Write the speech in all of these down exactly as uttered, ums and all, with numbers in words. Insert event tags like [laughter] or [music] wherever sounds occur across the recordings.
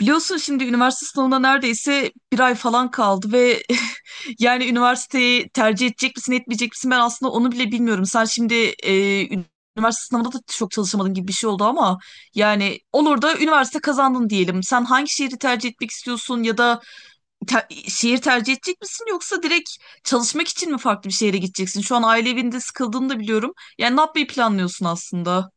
Biliyorsun şimdi üniversite sınavına neredeyse bir ay falan kaldı ve [laughs] yani üniversiteyi tercih edecek misin etmeyecek misin, ben aslında onu bile bilmiyorum. Sen şimdi e, üniversite sınavında da çok çalışamadın gibi bir şey oldu ama yani olur da üniversite kazandın diyelim. Sen hangi şehri tercih etmek istiyorsun ya da te- şehir tercih edecek misin yoksa direkt çalışmak için mi farklı bir şehre gideceksin? Şu an aile evinde sıkıldığını da biliyorum. Yani ne yapmayı planlıyorsun aslında?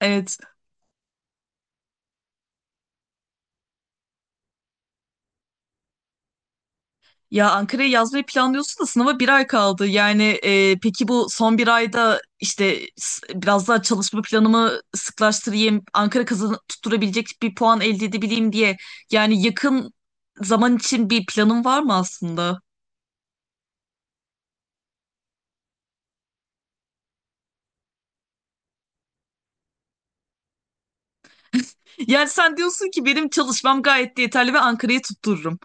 Evet. Ya Ankara'ya yazmayı planlıyorsun da sınava bir ay kaldı. Yani e, peki bu son bir ayda işte s- biraz daha çalışma planımı sıklaştırayım, Ankara kazan tutturabilecek bir puan elde edebileyim diye. Yani yakın zaman için bir planın var mı aslında? Yani sen diyorsun ki benim çalışmam gayet de yeterli ve Ankara'yı tuttururum.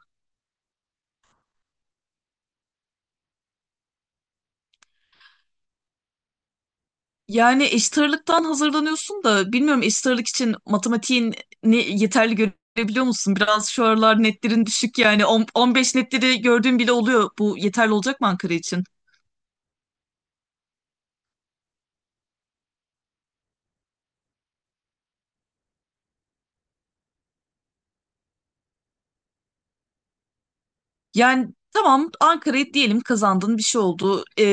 Yani eşit ağırlıktan hazırlanıyorsun da bilmiyorum, eşit ağırlık için matematiğin ne, yeterli görebiliyor musun? Biraz şu aralar netlerin düşük, yani On- 15 netleri gördüğüm bile oluyor. Bu yeterli olacak mı Ankara için? Yani tamam, Ankara'yı diyelim kazandın, bir şey oldu. Ee,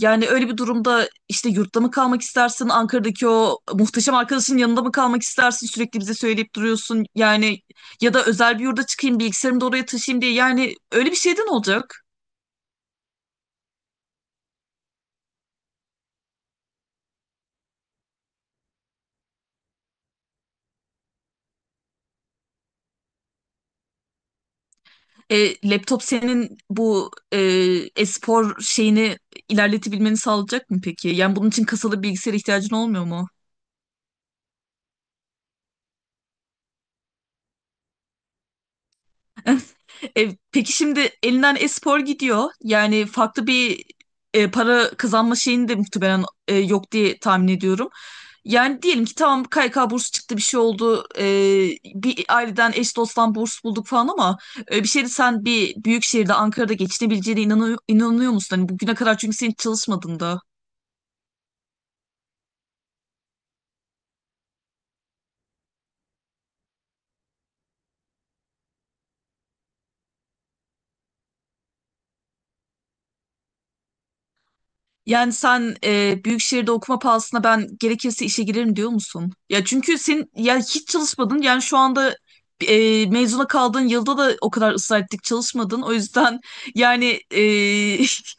yani öyle bir durumda işte yurtta mı kalmak istersin? Ankara'daki o muhteşem arkadaşın yanında mı kalmak istersin? Sürekli bize söyleyip duruyorsun. Yani ya da özel bir yurda çıkayım, bilgisayarımı da oraya taşıyayım diye. Yani öyle bir şeyden olacak. E, laptop senin bu e, e-spor şeyini ilerletebilmeni sağlayacak mı peki? Yani bunun için kasalı bilgisayara ihtiyacın olmuyor mu? E, peki şimdi elinden e-spor gidiyor. Yani farklı bir e, para kazanma şeyini de muhtemelen e, yok diye tahmin ediyorum. Yani diyelim ki tamam, K Y K bursu çıktı, bir şey oldu. E, bir aileden eş dosttan burs bulduk falan ama e, bir şeyde sen bir büyük şehirde, Ankara'da geçinebileceğine inanıyor, inanıyor musun? Hani bugüne kadar çünkü sen hiç çalışmadın da. Yani sen e, büyük şehirde okuma pahasına ben gerekirse işe girerim diyor musun? Ya çünkü sen ya hiç çalışmadın. Yani şu anda e, mezuna kaldığın yılda da o kadar ısrar ettik, çalışmadın. O yüzden yani e,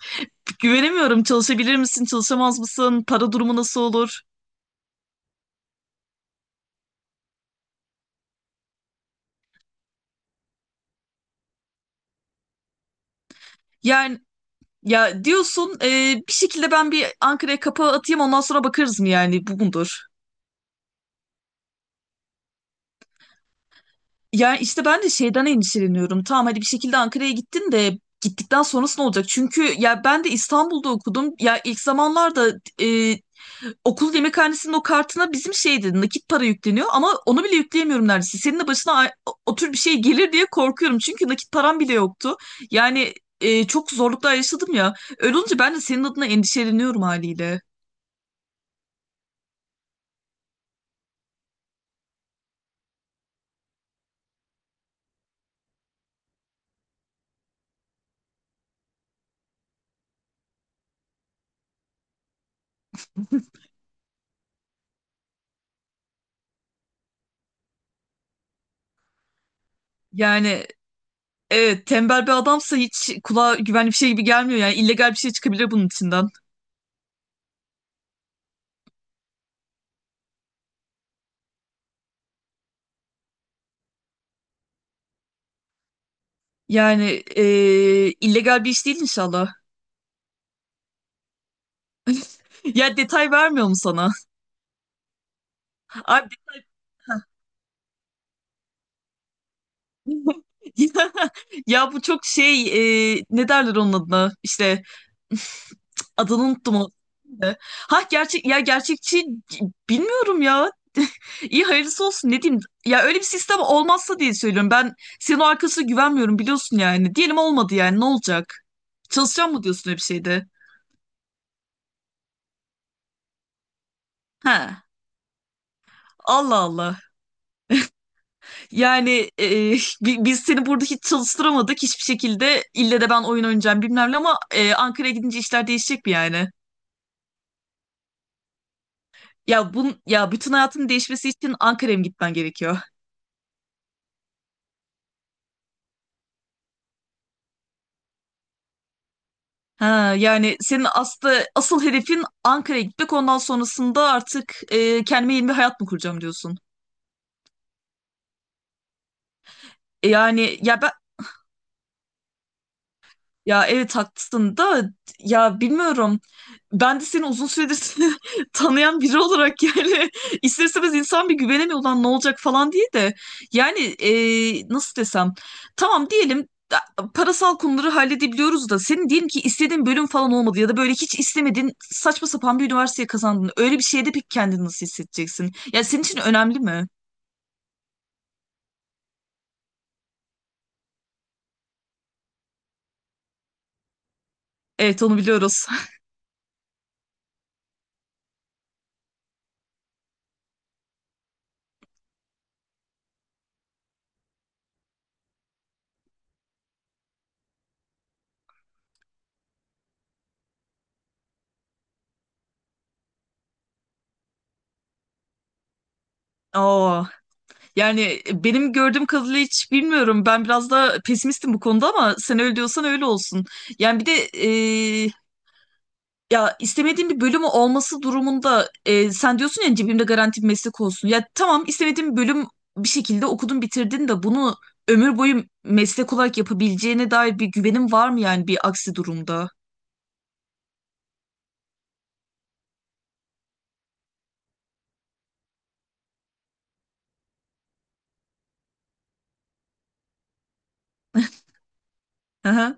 [laughs] güvenemiyorum. Çalışabilir misin, çalışamaz mısın? Para durumu nasıl olur? Yani ya diyorsun e, bir şekilde ben bir Ankara'ya kapağı atayım, ondan sonra bakarız mı, yani bu mudur? Yani işte ben de şeyden endişeleniyorum. Tamam, hadi bir şekilde Ankara'ya gittin de gittikten sonrası ne olacak? Çünkü ya ben de İstanbul'da okudum. Ya ilk zamanlarda e, okul yemekhanesinin o kartına bizim şeydi, nakit para yükleniyor ama onu bile yükleyemiyorum neredeyse. Senin de başına a- o tür bir şey gelir diye korkuyorum. Çünkü nakit param bile yoktu. Yani e, çok zorluklar yaşadım ya. Öyle olunca ben de senin adına endişeleniyorum haliyle. Yani evet, tembel bir adamsa hiç kulağa güvenli bir şey gibi gelmiyor. Yani illegal bir şey çıkabilir bunun içinden. Yani eee, illegal bir iş değil inşallah. [laughs] Ya detay vermiyor mu sana? Abi [laughs] ya, ya bu çok şey, eee, ne derler onun adına? İşte adını unuttum. [laughs] O. Ha gerçek ya gerçekçi, bilmiyorum ya. [laughs] İyi hayırlısı olsun, ne diyeyim. Ya öyle bir sistem olmazsa diye söylüyorum. Ben senin o arkasına güvenmiyorum, biliyorsun yani. Diyelim olmadı, yani ne olacak? Çalışacağım mı diyorsun öyle bir şeyde? He. Allah Allah. Yani e, [laughs] bi- biz seni burada hiç çalıştıramadık hiçbir şekilde. İlle de ben oyun oynayacağım bilmem ne ama e, Ankara'ya gidince işler değişecek mi yani? Ya bun ya bütün hayatının değişmesi için Ankara'ya mı gitmen gerekiyor? Ha, yani senin aslı asıl hedefin Ankara'ya gitmek, ondan sonrasında artık e, kendime yeni bir hayat mı kuracağım diyorsun. E, yani ya ben. Ya evet haklısın da ya, bilmiyorum. Ben de seni uzun süredir [laughs] tanıyan biri olarak, yani [laughs] ister istemez insan bir güvenemiyor, ulan ne olacak falan diye de. Yani e, nasıl desem, tamam diyelim da- parasal konuları halledebiliyoruz da, senin diyelim ki istediğin bölüm falan olmadı ya da böyle hiç istemediğin saçma sapan bir üniversiteye kazandın. Öyle bir şeyde pek kendini nasıl hissedeceksin? Ya senin için önemli mi? Evet, onu biliyoruz. [laughs] Aa. Yani e, benim gördüğüm kadarıyla hiç bilmiyorum. Ben biraz da pesimistim bu konuda ama sen öyle diyorsan öyle olsun. Yani bir de e, ya istemediğim bir bölüm olması durumunda e, sen diyorsun ya cebimde garanti bir meslek olsun. Ya tamam, istemediğim bir bölüm bir şekilde okudun bitirdin de bunu ömür boyu meslek olarak yapabileceğine dair bir güvenim var mı yani bir aksi durumda? Hı hı.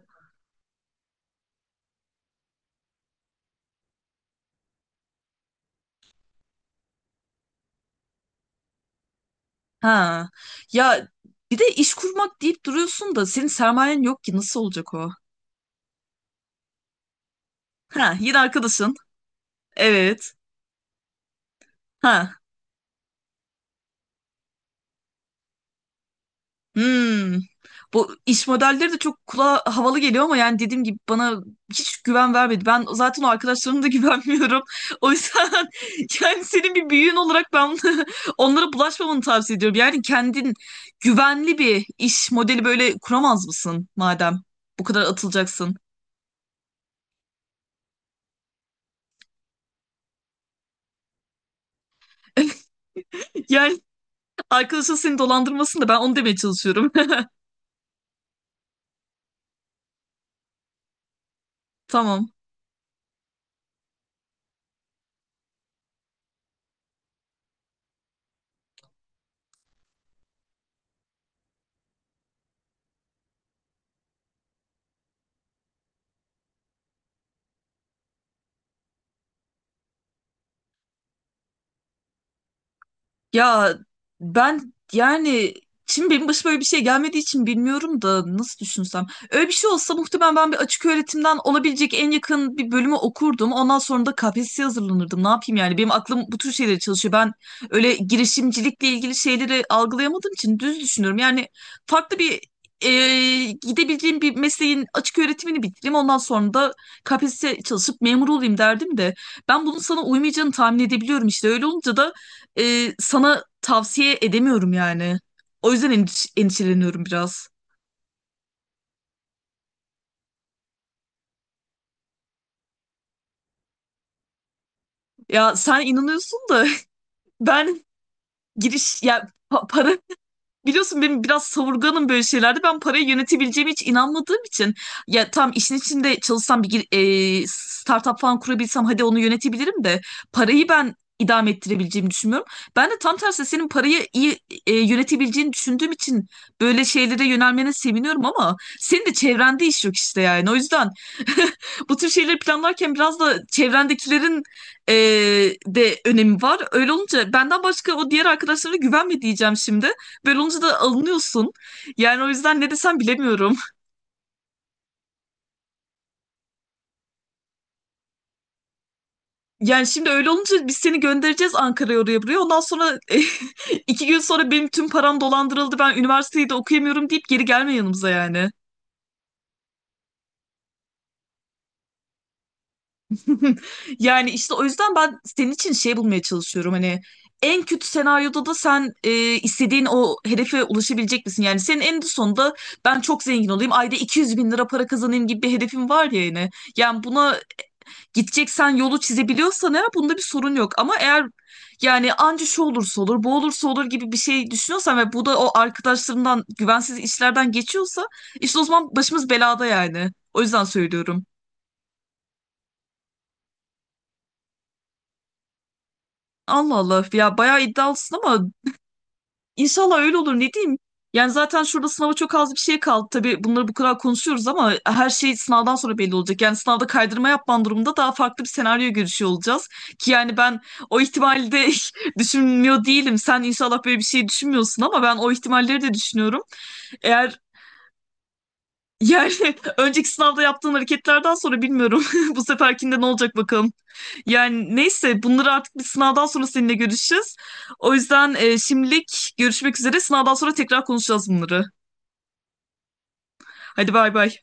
Ha. Ya bir de iş kurmak deyip duruyorsun da senin sermayen yok ki, nasıl olacak o? Ha, yine arkadaşın. Evet. Ha. Hmm. Bu iş modelleri de çok kulağa havalı geliyor ama yani dediğim gibi bana hiç güven vermedi. Ben zaten o arkadaşlarıma da güvenmiyorum. [laughs] O yüzden yani senin bir büyüğün olarak ben [laughs] onlara bulaşmamanı tavsiye ediyorum. Yani kendin güvenli bir iş modeli böyle kuramaz mısın madem bu kadar atılacaksın? [laughs] Yani arkadaşın seni dolandırmasın da, ben onu demeye çalışıyorum. [laughs] Tamam. Ya ben yani şimdi benim başıma öyle bir şey gelmediği için bilmiyorum da nasıl düşünsem. Öyle bir şey olsa muhtemelen ben bir açık öğretimden olabilecek en yakın bir bölümü okurdum. Ondan sonra da K P S S'ye hazırlanırdım. Ne yapayım yani? Benim aklım bu tür şeylere çalışıyor. Ben öyle girişimcilikle ilgili şeyleri algılayamadığım için düz düşünüyorum. Yani farklı bir e, gidebileceğim bir mesleğin açık öğretimini bitireyim. Ondan sonra da K P S S'ye çalışıp memur olayım derdim de. Ben bunun sana uymayacağını tahmin edebiliyorum işte. Öyle olunca da e, sana tavsiye edemiyorum yani. O yüzden endişe- endişeleniyorum biraz. Ya sen inanıyorsun da [laughs] ben giriş ya pa- para. Biliyorsun benim biraz savurganım böyle şeylerde. Ben parayı yönetebileceğime hiç inanmadığım için ya tam işin içinde çalışsam bir gir- e, startup falan kurabilsem hadi onu yönetebilirim de parayı ben idame ettirebileceğimi düşünmüyorum. Ben de tam tersi senin parayı iyi e, yönetebileceğini düşündüğüm için böyle şeylere yönelmene seviniyorum ama senin de çevrende iş yok işte yani. O yüzden [laughs] bu tür şeyleri planlarken biraz da çevrendekilerin e, de önemi var. Öyle olunca benden başka o diğer arkadaşlarına güvenme diyeceğim şimdi. Böyle olunca da alınıyorsun. Yani o yüzden ne desem bilemiyorum. Yani şimdi öyle olunca biz seni göndereceğiz Ankara'ya, oraya buraya. Ondan sonra [laughs] iki gün sonra benim tüm param dolandırıldı. Ben üniversiteyi de okuyamıyorum deyip geri gelme yanımıza yani. [laughs] Yani işte o yüzden ben senin için şey bulmaya çalışıyorum. Hani en kötü senaryoda da sen e, istediğin o hedefe ulaşabilecek misin? Yani senin en sonunda ben çok zengin olayım, ayda iki yüz bin lira para kazanayım gibi bir hedefim var ya yine. Yani buna gideceksen yolu çizebiliyorsan eğer bunda bir sorun yok. Ama eğer yani anca şu olursa olur, bu olursa olur gibi bir şey düşünüyorsan ve bu da o arkadaşlarından güvensiz işlerden geçiyorsa işte o zaman başımız belada yani. O yüzden söylüyorum. Allah Allah, ya bayağı iddialısın ama İnşallah öyle olur, ne diyeyim. Yani zaten şurada sınava çok az bir şey kaldı. Tabii bunları bu kadar konuşuyoruz ama her şey sınavdan sonra belli olacak. Yani sınavda kaydırma yapman durumunda daha farklı bir senaryo görüşüyor olacağız. Ki yani ben o ihtimali de [laughs] düşünmüyor değilim. Sen inşallah böyle bir şey düşünmüyorsun ama ben o ihtimalleri de düşünüyorum. Eğer yani [laughs] önceki sınavda yaptığın hareketlerden sonra bilmiyorum. [laughs] Bu seferkinde ne olacak bakalım. Yani neyse bunları artık bir sınavdan sonra seninle görüşeceğiz. O yüzden e, şimdilik görüşmek üzere. Sınavdan sonra tekrar konuşacağız bunları. Hadi bay bay.